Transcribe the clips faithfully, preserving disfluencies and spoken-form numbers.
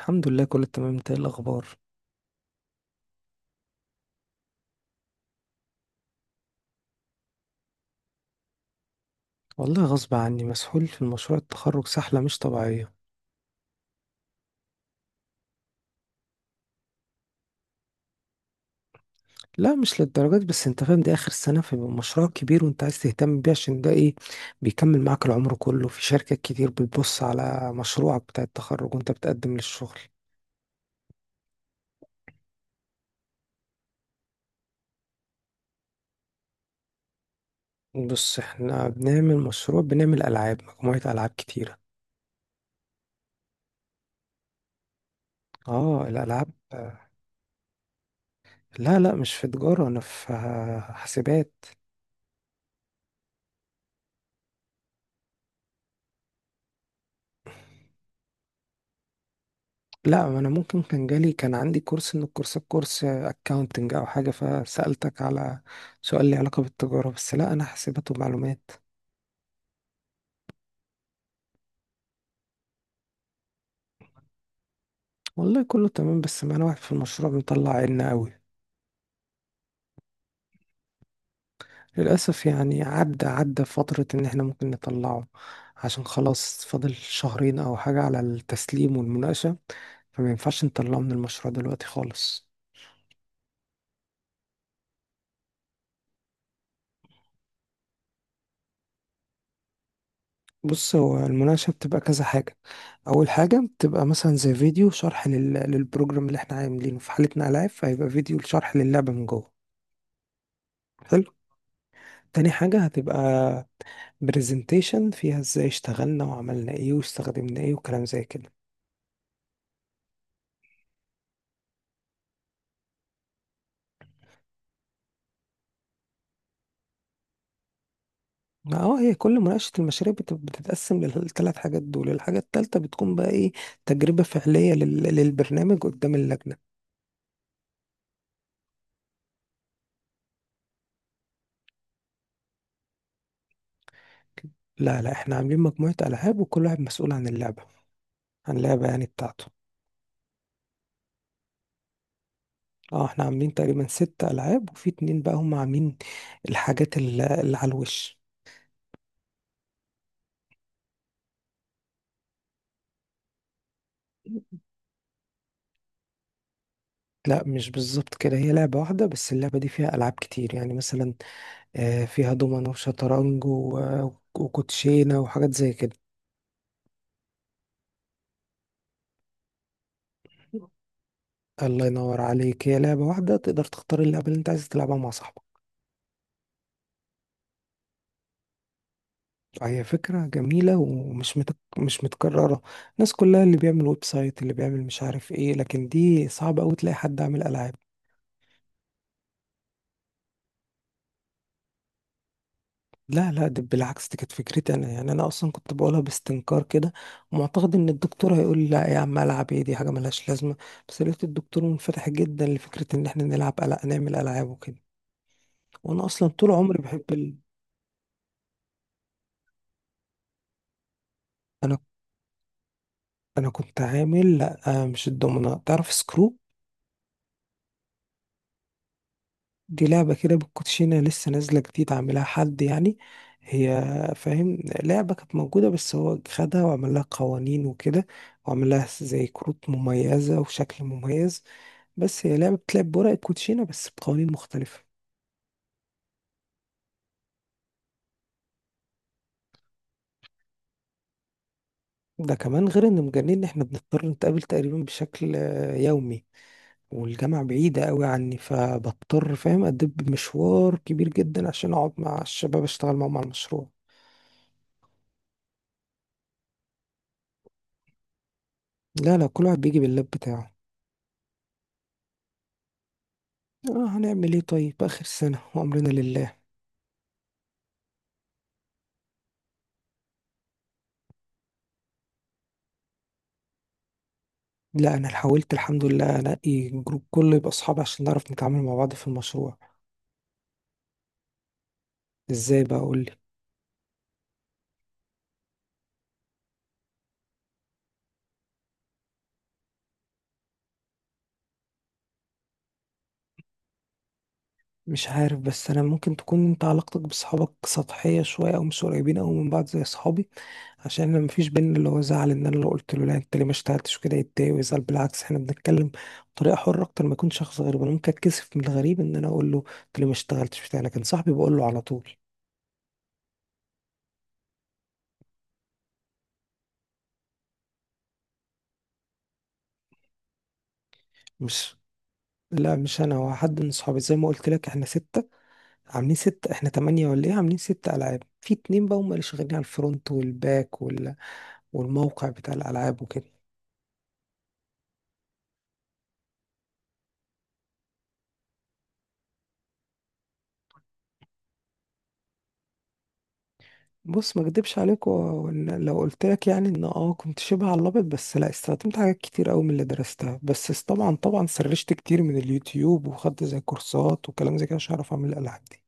الحمد لله، كله تمام. انت ايه الاخبار؟ والله غصب عني، مسحول في مشروع التخرج سحلة مش طبيعية. لا، مش للدرجات، بس انت فاهم دي اخر سنة فبيبقى مشروع كبير وانت عايز تهتم بيه عشان ده ايه، بيكمل معاك العمر كله. في شركات كتير بتبص على مشروعك بتاع التخرج وانت بتقدم للشغل. بص، احنا بنعمل مشروع، بنعمل العاب، مجموعة العاب كتيرة. اه، الالعاب. لا لا، مش في تجارة، انا في حاسبات. لا، ما انا ممكن كان جالي، كان عندي كورس من الكورسات، كورس اكاونتنج او حاجه، فسالتك على سؤال لي علاقه بالتجاره، بس لا انا حاسبات ومعلومات. والله كله تمام، بس معانا واحد في المشروع بيطلع عنا قوي. للاسف يعني عدى عدى فتره ان احنا ممكن نطلعه، عشان خلاص فاضل شهرين او حاجه على التسليم والمناقشه، فما ينفعش نطلعه من المشروع دلوقتي خالص. بص، هو المناقشة بتبقى كذا حاجة. أول حاجة بتبقى مثلا زي فيديو شرح لل... للبروجرام اللي احنا عاملينه، في حالتنا ألعاب فهيبقى فيديو شرح للعبة من جوه. حلو. تاني حاجة هتبقى برزنتيشن فيها ازاي اشتغلنا وعملنا ايه واستخدمنا ايه وكلام زي كده. ما اه هي كل مناقشة المشاريع بت- بتتقسم للثلاث حاجات دول، الحاجة التالتة بتكون بقى ايه؟ تجربة فعلية لل... للبرنامج قدام اللجنة. لا لا، احنا عاملين مجموعة ألعاب وكل واحد مسؤول عن اللعبة عن اللعبة يعني بتاعته. اه، احنا عاملين تقريبا ست ألعاب وفي اتنين بقى هم عاملين الحاجات ال- اللي على الوش. لا مش بالظبط كده، هي لعبة واحدة بس اللعبة دي فيها ألعاب كتير يعني مثلا، آه، فيها دومنة وشطرنج و- وكوتشينة وحاجات زي كده. الله ينور عليك، هي لعبة واحدة تقدر تختار اللعبة اللي انت عايز تلعبها مع صاحبك. فهي فكرة جميلة ومش متك... مش متكررة. الناس كلها اللي بيعمل ويب سايت، اللي بيعمل مش عارف ايه، لكن دي صعب أوي تلاقي حد عامل ألعاب. لا لا، ده بالعكس، دي كانت فكرتي انا، يعني انا اصلا كنت بقولها باستنكار كده، ومعتقد ان الدكتور هيقول لي: لا يا عم، العب ايه، دي حاجه ملهاش لازمه. بس لقيت الدكتور منفتح جدا لفكره ان احنا نلعب ألع... نعمل العاب وكده. وانا اصلا طول عمري بحب ال... انا انا كنت عامل، لا آه مش الدومنه، تعرف سكرو؟ دي لعبه كده بالكوتشينه لسه نازله جديد، عاملها حد يعني. هي فاهم، لعبه كانت موجوده بس هو خدها وعمل لها قوانين وكده، وعمل لها زي كروت مميزه وشكل مميز، بس هي لعبة بتلعب بورق الكوتشينة بس بقوانين مختلفة. ده كمان غير ان مجانين ان احنا بنضطر نتقابل تقريبا بشكل آه، يومي، والجامعة بعيدة قوي عني فبضطر فاهم أدب مشوار كبير جدا عشان أقعد مع الشباب أشتغل معاهم على المشروع. لا لا، كل واحد بيجي باللاب بتاعه. آه، هنعمل إيه طيب، آخر سنة وأمرنا لله. لا، أنا حاولت الحمد لله أنقي جروب كله يبقى أصحابي عشان نعرف نتعامل مع بعض في المشروع. إزاي بقى أقول؟ مش عارف، بس انا ممكن تكون انت علاقتك بصحابك سطحيه شويه، او مش قريبين او من بعض زي اصحابي، عشان انا مفيش بينا اللي هو زعل ان انا لو قلت له لا انت ليه ما اشتغلتش كده يتضايق ويزعل. بالعكس احنا بنتكلم بطريقه حره اكتر ما يكون شخص غريب، انا ممكن اتكسف من الغريب ان انا اقول له انت ليه ما اشتغلتش بتاع، لكن صاحبي بقول له على طول. مش لا مش انا، هو حد من صحابي زي ما قلت لك احنا سته، عاملين ستة، احنا تمانية ولا ايه؟ عاملين ستة ألعاب، في اتنين بقى هما اللي شغالين على الفرونت والباك وال... والموقع بتاع الألعاب وكده. بص، ما اكدبش عليك و- وإن لو قلت لك يعني ان اه كنت شبه على الابيض، بس لا استخدمت حاجات كتير قوي من اللي درستها، بس س- طبعا طبعا سرشت كتير من اليوتيوب وخدت زي كورسات وكلام زي كده عشان اعرف اعمل الالعاب دي.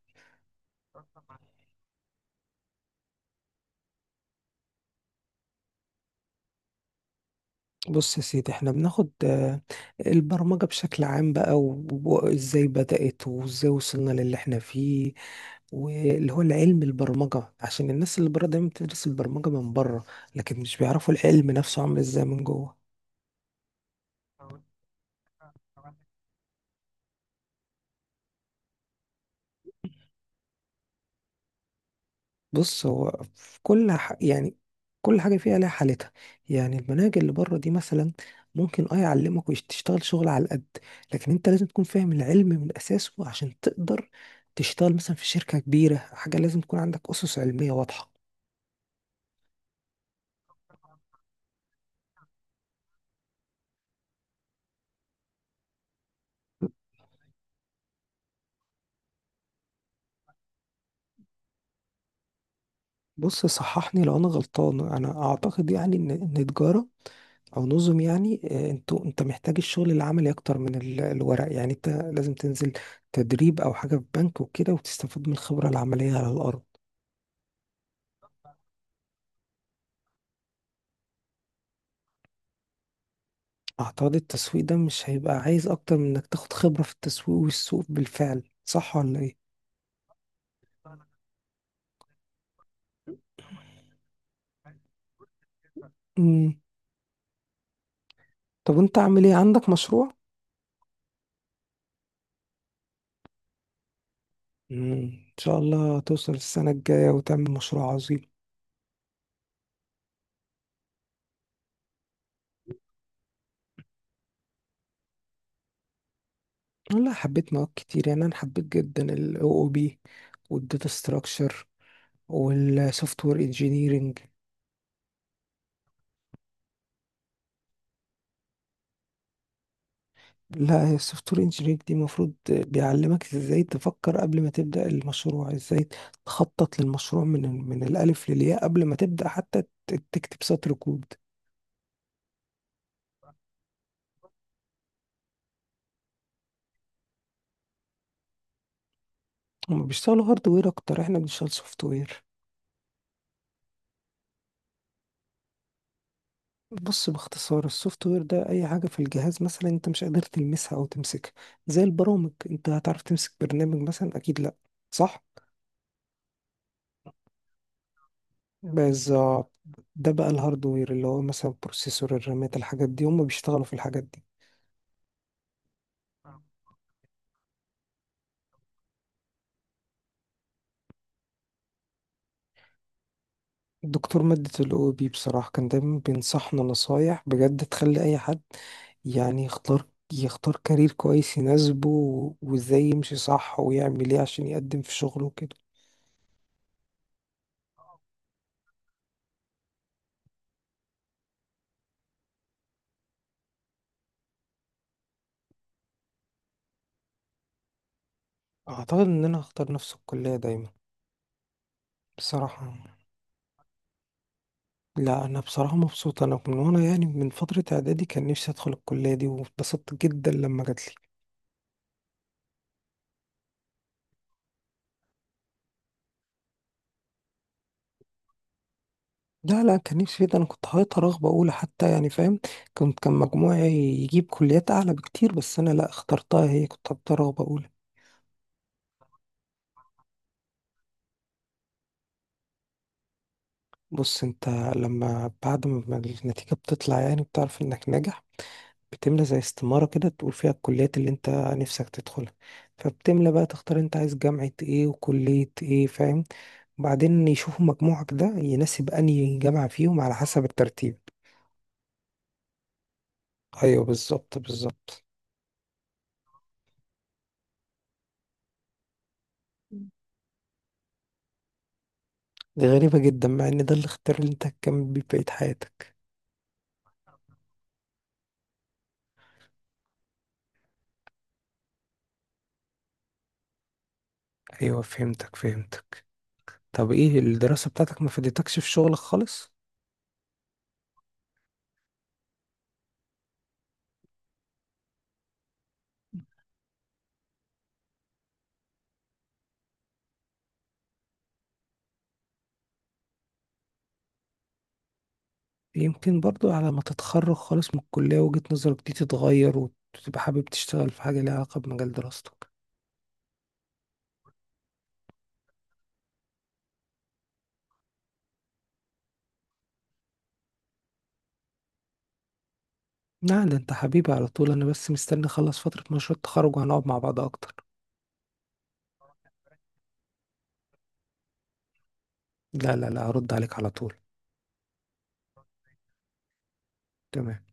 بص يا سيدي، احنا بناخد آه، البرمجة بشكل عام بقى و- وازاي بدأت وازاي وصلنا للي احنا فيه، واللي هو العلم البرمجة، عشان الناس اللي بره دايما بتدرس البرمجة من بره لكن مش بيعرفوا العلم نفسه عامل ازاي من جوه. بص، هو في كل ح... يعني كل حاجة فيها لها حالتها. يعني المناهج اللي بره دي مثلا ممكن اه يعلمك وتشتغل شغل على القد، لكن انت لازم تكون فاهم العلم من أساسه عشان تقدر تشتغل مثلا في شركة كبيرة، حاجة لازم تكون عندك أسس علمية واضحة. بص، صححني لو أنا غلطان. أنا أعتقد يعني إن إن تجارة او نظم، يعني آه، انتوا انت محتاج الشغل العملي اكتر من ال- الورق، يعني انت لازم تنزل تدريب او حاجه في بنك وكده وتستفاد من الخبره العمليه على الارض. اعتقد التسويق ده مش هيبقى عايز اكتر من انك تاخد خبرة في التسويق والسوق بالفعل، صح ولا ايه؟ امم طب انت عامل ايه، عندك مشروع؟ امم ان شاء الله توصل السنة الجاية وتعمل مشروع عظيم. والله حبيت مواد كتير، يعني انا حبيت جدا ال او او بي والداتا ستراكشر والسوفت وير engineering. لا، هي السوفت وير انجينير دي المفروض بيعلمك ازاي تفكر قبل ما تبدأ المشروع، ازاي تخطط للمشروع من من الألف للياء قبل ما تبدأ حتى ت- تكتب سطر كود. هما بيشتغلوا هاردوير أكتر، احنا بنشتغل سوفت وير. بص، باختصار السوفت وير ده أي حاجة في الجهاز مثلا أنت مش قادر تلمسها أو تمسكها، زي البرامج أنت هتعرف تمسك برنامج مثلا؟ أكيد لأ. صح؟ بالظبط. ده بقى الهاردوير، اللي هو مثلا البروسيسور، الرامات، الحاجات دي، هما بيشتغلوا في الحاجات دي. دكتور مادة ال او او بي بصراحة كان دايما بينصحنا نصايح بجد تخلي أي حد يعني يختار يختار كارير كويس يناسبه، و- وازاي يمشي صح ويعمل ايه عشان يقدم في شغله وكده. أعتقد إن أنا هختار نفس الكلية دايما. بصراحة، لا أنا بصراحة مبسوط، أنا من، وأنا يعني من فترة إعدادي كان نفسي أدخل الكلية دي واتبسطت جدا لما جاتلي. لا لا، كان نفسي فيه، ده أنا كنت حاططها رغبة أولى حتى، يعني فاهم، كنت كان مجموعي يجيب كليات أعلى بكتير بس أنا لا اخترتها هي، كنت حاططها رغبة أولى. بص انت، لما بعد ما النتيجة بتطلع يعني بتعرف انك ناجح، بتملى زي استمارة كده تقول فيها الكليات اللي انت نفسك تدخلها. فبتملى بقى، تختار انت عايز جامعة ايه وكلية ايه، فاهم؟ وبعدين يشوفوا مجموعك ده يناسب انهي جامعة فيهم على حسب الترتيب. ايوه، بالظبط بالظبط. دي غريبة جدا، مع ان ده الاختيار اللي انت هتكمل بيه بقية حياتك. ايوه، فهمتك فهمتك. طب ايه، الدراسة بتاعتك ما فادتكش في شغلك خالص؟ يمكن برضو على ما تتخرج خالص من الكلية وجهة نظرك دي تتغير وتبقى حابب تشتغل في حاجة ليها علاقة بمجال دراستك. لا، ده انت حبيبي على طول، انا بس مستني اخلص فترة مشروع التخرج وهنقعد مع بعض اكتر. لا لا لا، هرد عليك على طول. تمام.